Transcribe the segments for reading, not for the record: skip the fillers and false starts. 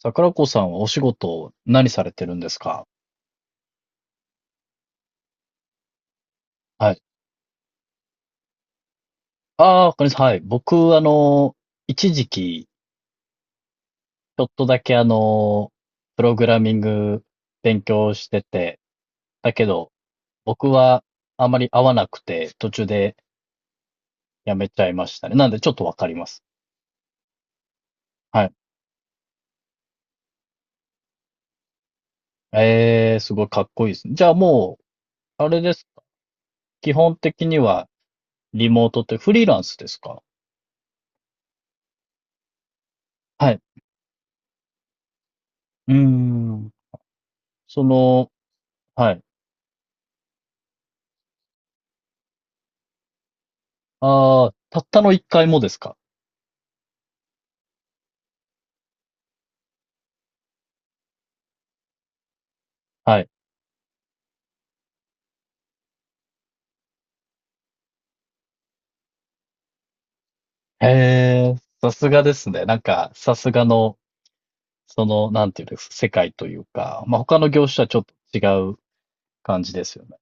桜子さんはお仕事、何されてるんですか？はい。ああ、わかりました。はい。僕、一時期、ちょっとだけプログラミング勉強してて、だけど、僕はあまり合わなくて、途中でやめちゃいましたね。なんで、ちょっとわかります。はい。すごいかっこいいですね。じゃあもう、あれです。基本的には、リモートってフリーランスですか？はい。うーん。その、はい。ああ、たったの一回もですか？はい。へえ、さすがですね。なんか、さすがの、なんていうんですか、世界というか、まあ、他の業種とはちょっと違う感じですよね。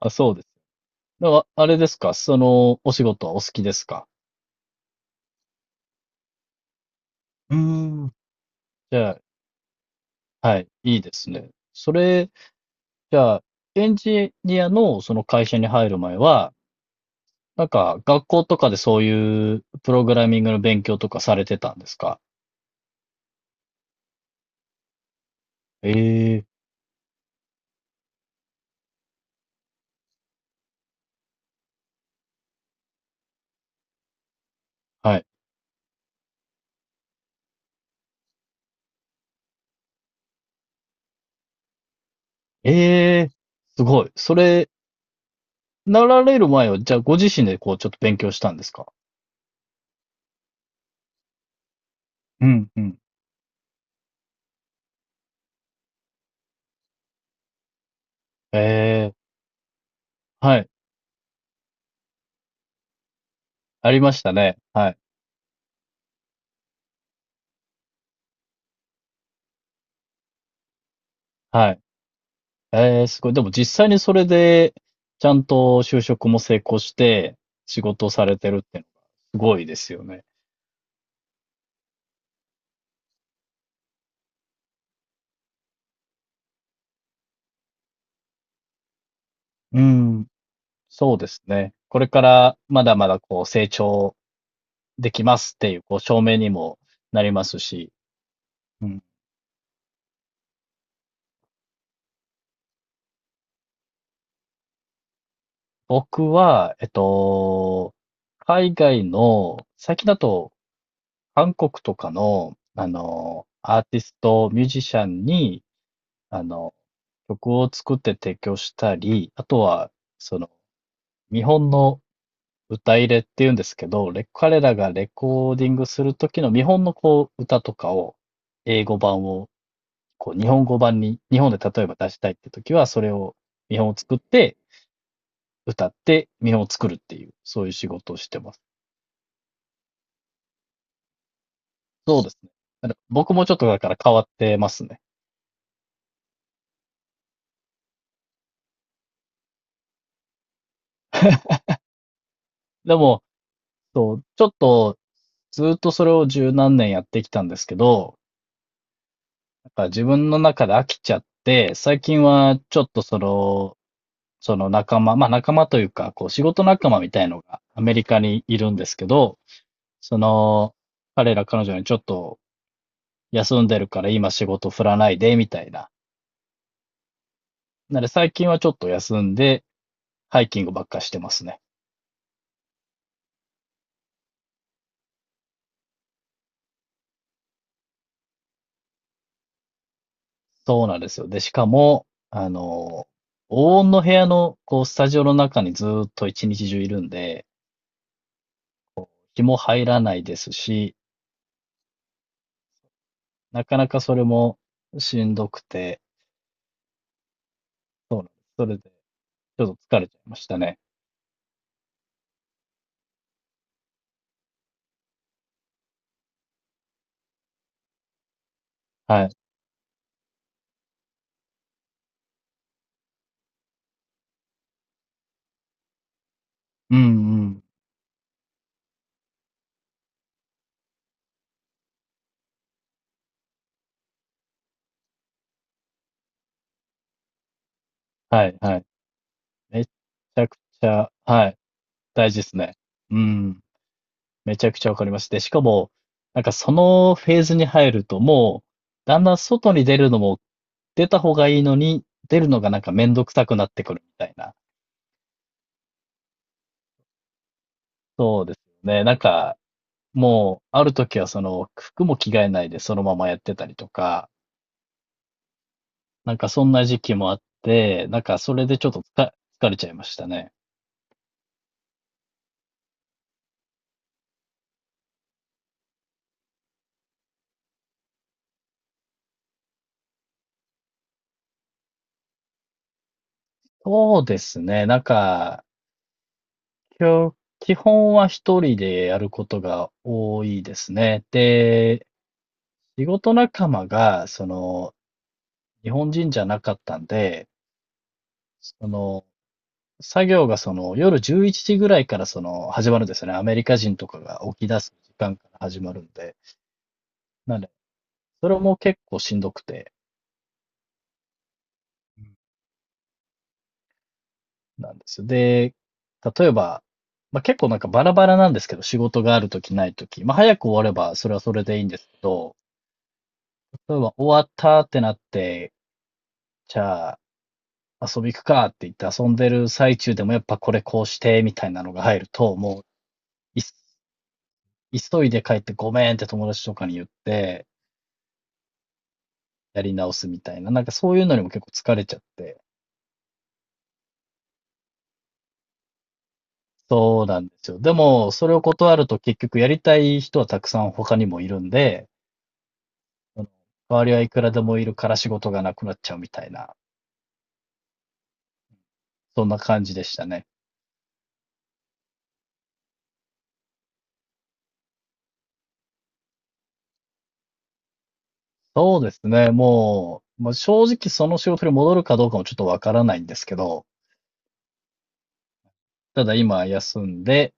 あ、そうです。でも、あれですか、お仕事はお好きですか？うーん。じゃあ、はい、いいですね。じゃあ、エンジニアのその会社に入る前は、なんか、学校とかでそういうプログラミングの勉強とかされてたんですか？ええ、はい。ええ、すごい。なられる前は、じゃあご自身でこうちょっと勉強したんですか？うんうん。ええ、はい。ありましたね。はい。はい。ええ、すごい。でも実際にそれで、ちゃんと就職も成功して、仕事をされてるっていうのが、すごいですよね。うん。そうですね。これからまだまだこう成長できますっていう、こう証明にもなりますし。うん。僕は、海外の最近だと韓国とかの、アーティスト、ミュージシャンに、あの、曲を作って提供したり、あとは、その、見本の歌入れっていうんですけど、彼らがレコーディングする時の見本のこう、歌とかを、英語版を、こう、日本語版に、日本で例えば出したいって時は、それを、見本を作って、歌って、見本を作るっていう、そういう仕事をしてます。そうですね。だから僕もちょっとだから変わってますね。でも、そう、ちょっと、ずっとそれを十何年やってきたんですけど、なんか自分の中で飽きちゃって、最近はちょっとその仲間、まあ仲間というか、こう仕事仲間みたいのがアメリカにいるんですけど、その、彼ら彼女にちょっと休んでるから今仕事振らないで、みたいな。なので最近はちょっと休んで、ハイキングばっかしてますね。そうなんですよ。で、しかも、黄金の部屋の、こう、スタジオの中にずーっと一日中いるんで、気も入らないですし、なかなかそれもしんどくて、そうなんですそれでちょっと疲れちゃいましたね。はい。うんうん。はいはい。めちゃくちゃはい、大事ですね。うん。めちゃくちゃわかります。で、しかも、なんかそのフェーズに入ると、もう、だんだん外に出るのも、出た方がいいのに、出るのがなんかめんどくさくなってくるみたいな。そうですね。なんか、もう、ある時はその、服も着替えないでそのままやってたりとかなんかそんな時期もあって、なんかそれでちょっと疲れちゃいましたね。そうですね。なんか、きょ基本は一人でやることが多いですね。で、仕事仲間が、日本人じゃなかったんで、その、作業がその夜11時ぐらいから始まるんですよね。アメリカ人とかが起き出す時間から始まるんで。なんで、それも結構しんどくて。なんですよ。で、例えば、まあ、結構なんかバラバラなんですけど、仕事があるときないとき。まあ、早く終わればそれはそれでいいんですけど、例えば終わったってなって、じゃあ遊び行くかって言って遊んでる最中でもやっぱこれこうしてみたいなのが入ると、もうい急いで帰ってごめんって友達とかに言ってやり直すみたいな、なんかそういうのにも結構疲れちゃって。そうなんですよ。でも、それを断ると結局やりたい人はたくさん他にもいるんで、その、周りはいくらでもいるから仕事がなくなっちゃうみたいな、そんな感じでしたね。そうですね、もう、まあ、正直その仕事に戻るかどうかもちょっとわからないんですけど、ただ今休んで、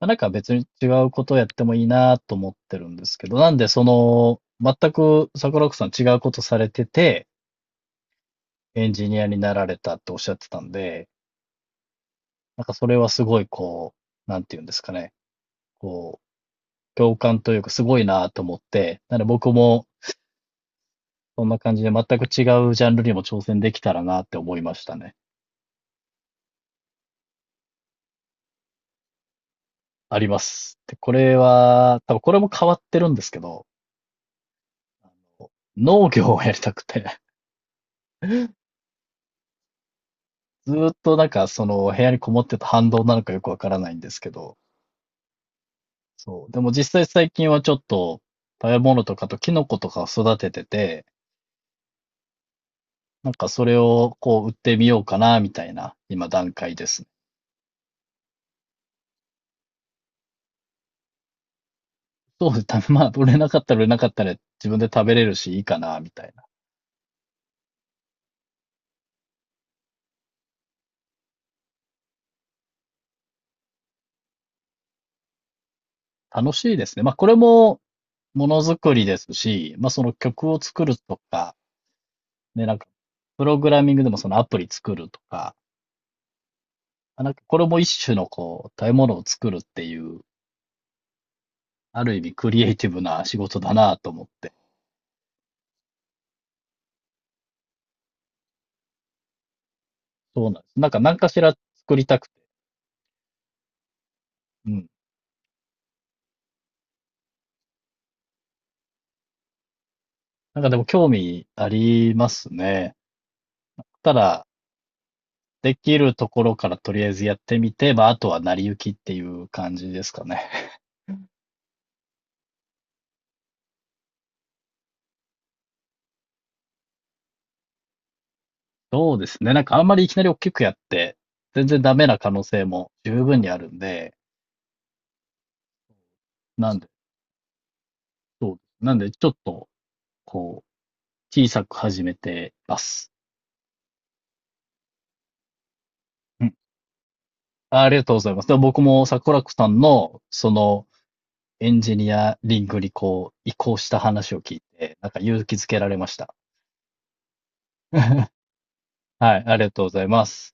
まあ、なんか別に違うことをやってもいいなと思ってるんですけど、なんで全く桜子さん違うことされてて、エンジニアになられたっておっしゃってたんで、なんかそれはすごいこう、なんていうんですかね、こう、共感というかすごいなと思って、なので僕もそんな感じで全く違うジャンルにも挑戦できたらなって思いましたね。あります。で、これは、多分これも変わってるんですけど、農業をやりたくて、ずーっとなんかその部屋にこもってた反動なのかよくわからないんですけど、そう。でも実際最近はちょっと食べ物とかとキノコとかを育ててて、なんかそれをこう売ってみようかな、みたいな今段階ですね。そうです。まあ、売れなかったら自分で食べれるしいいかな、みたいな。楽しいですね。まあこれもものづくりですし、まあ、その曲を作るとか、ね、なんか、プログラミングでもそのアプリ作るとか、まあなんかこれも一種のこう、食べ物を作るっていう、ある意味クリエイティブな仕事だなと思って。そうなんです。なんか何かしら作りたくて。うん。なんかでも興味ありますね。ただ、できるところからとりあえずやってみて、まあ、あとは成り行きっていう感じですかね。そうですね。なんかあんまりいきなり大きくやって、全然ダメな可能性も十分にあるんで、なんそうです。なんで、ちょっと、こう、小さく始めてます。うん。ありがとうございます。でも僕も桜子さんの、エンジニアリングにこう、移行した話を聞いて、なんか勇気づけられました。はい、ありがとうございます。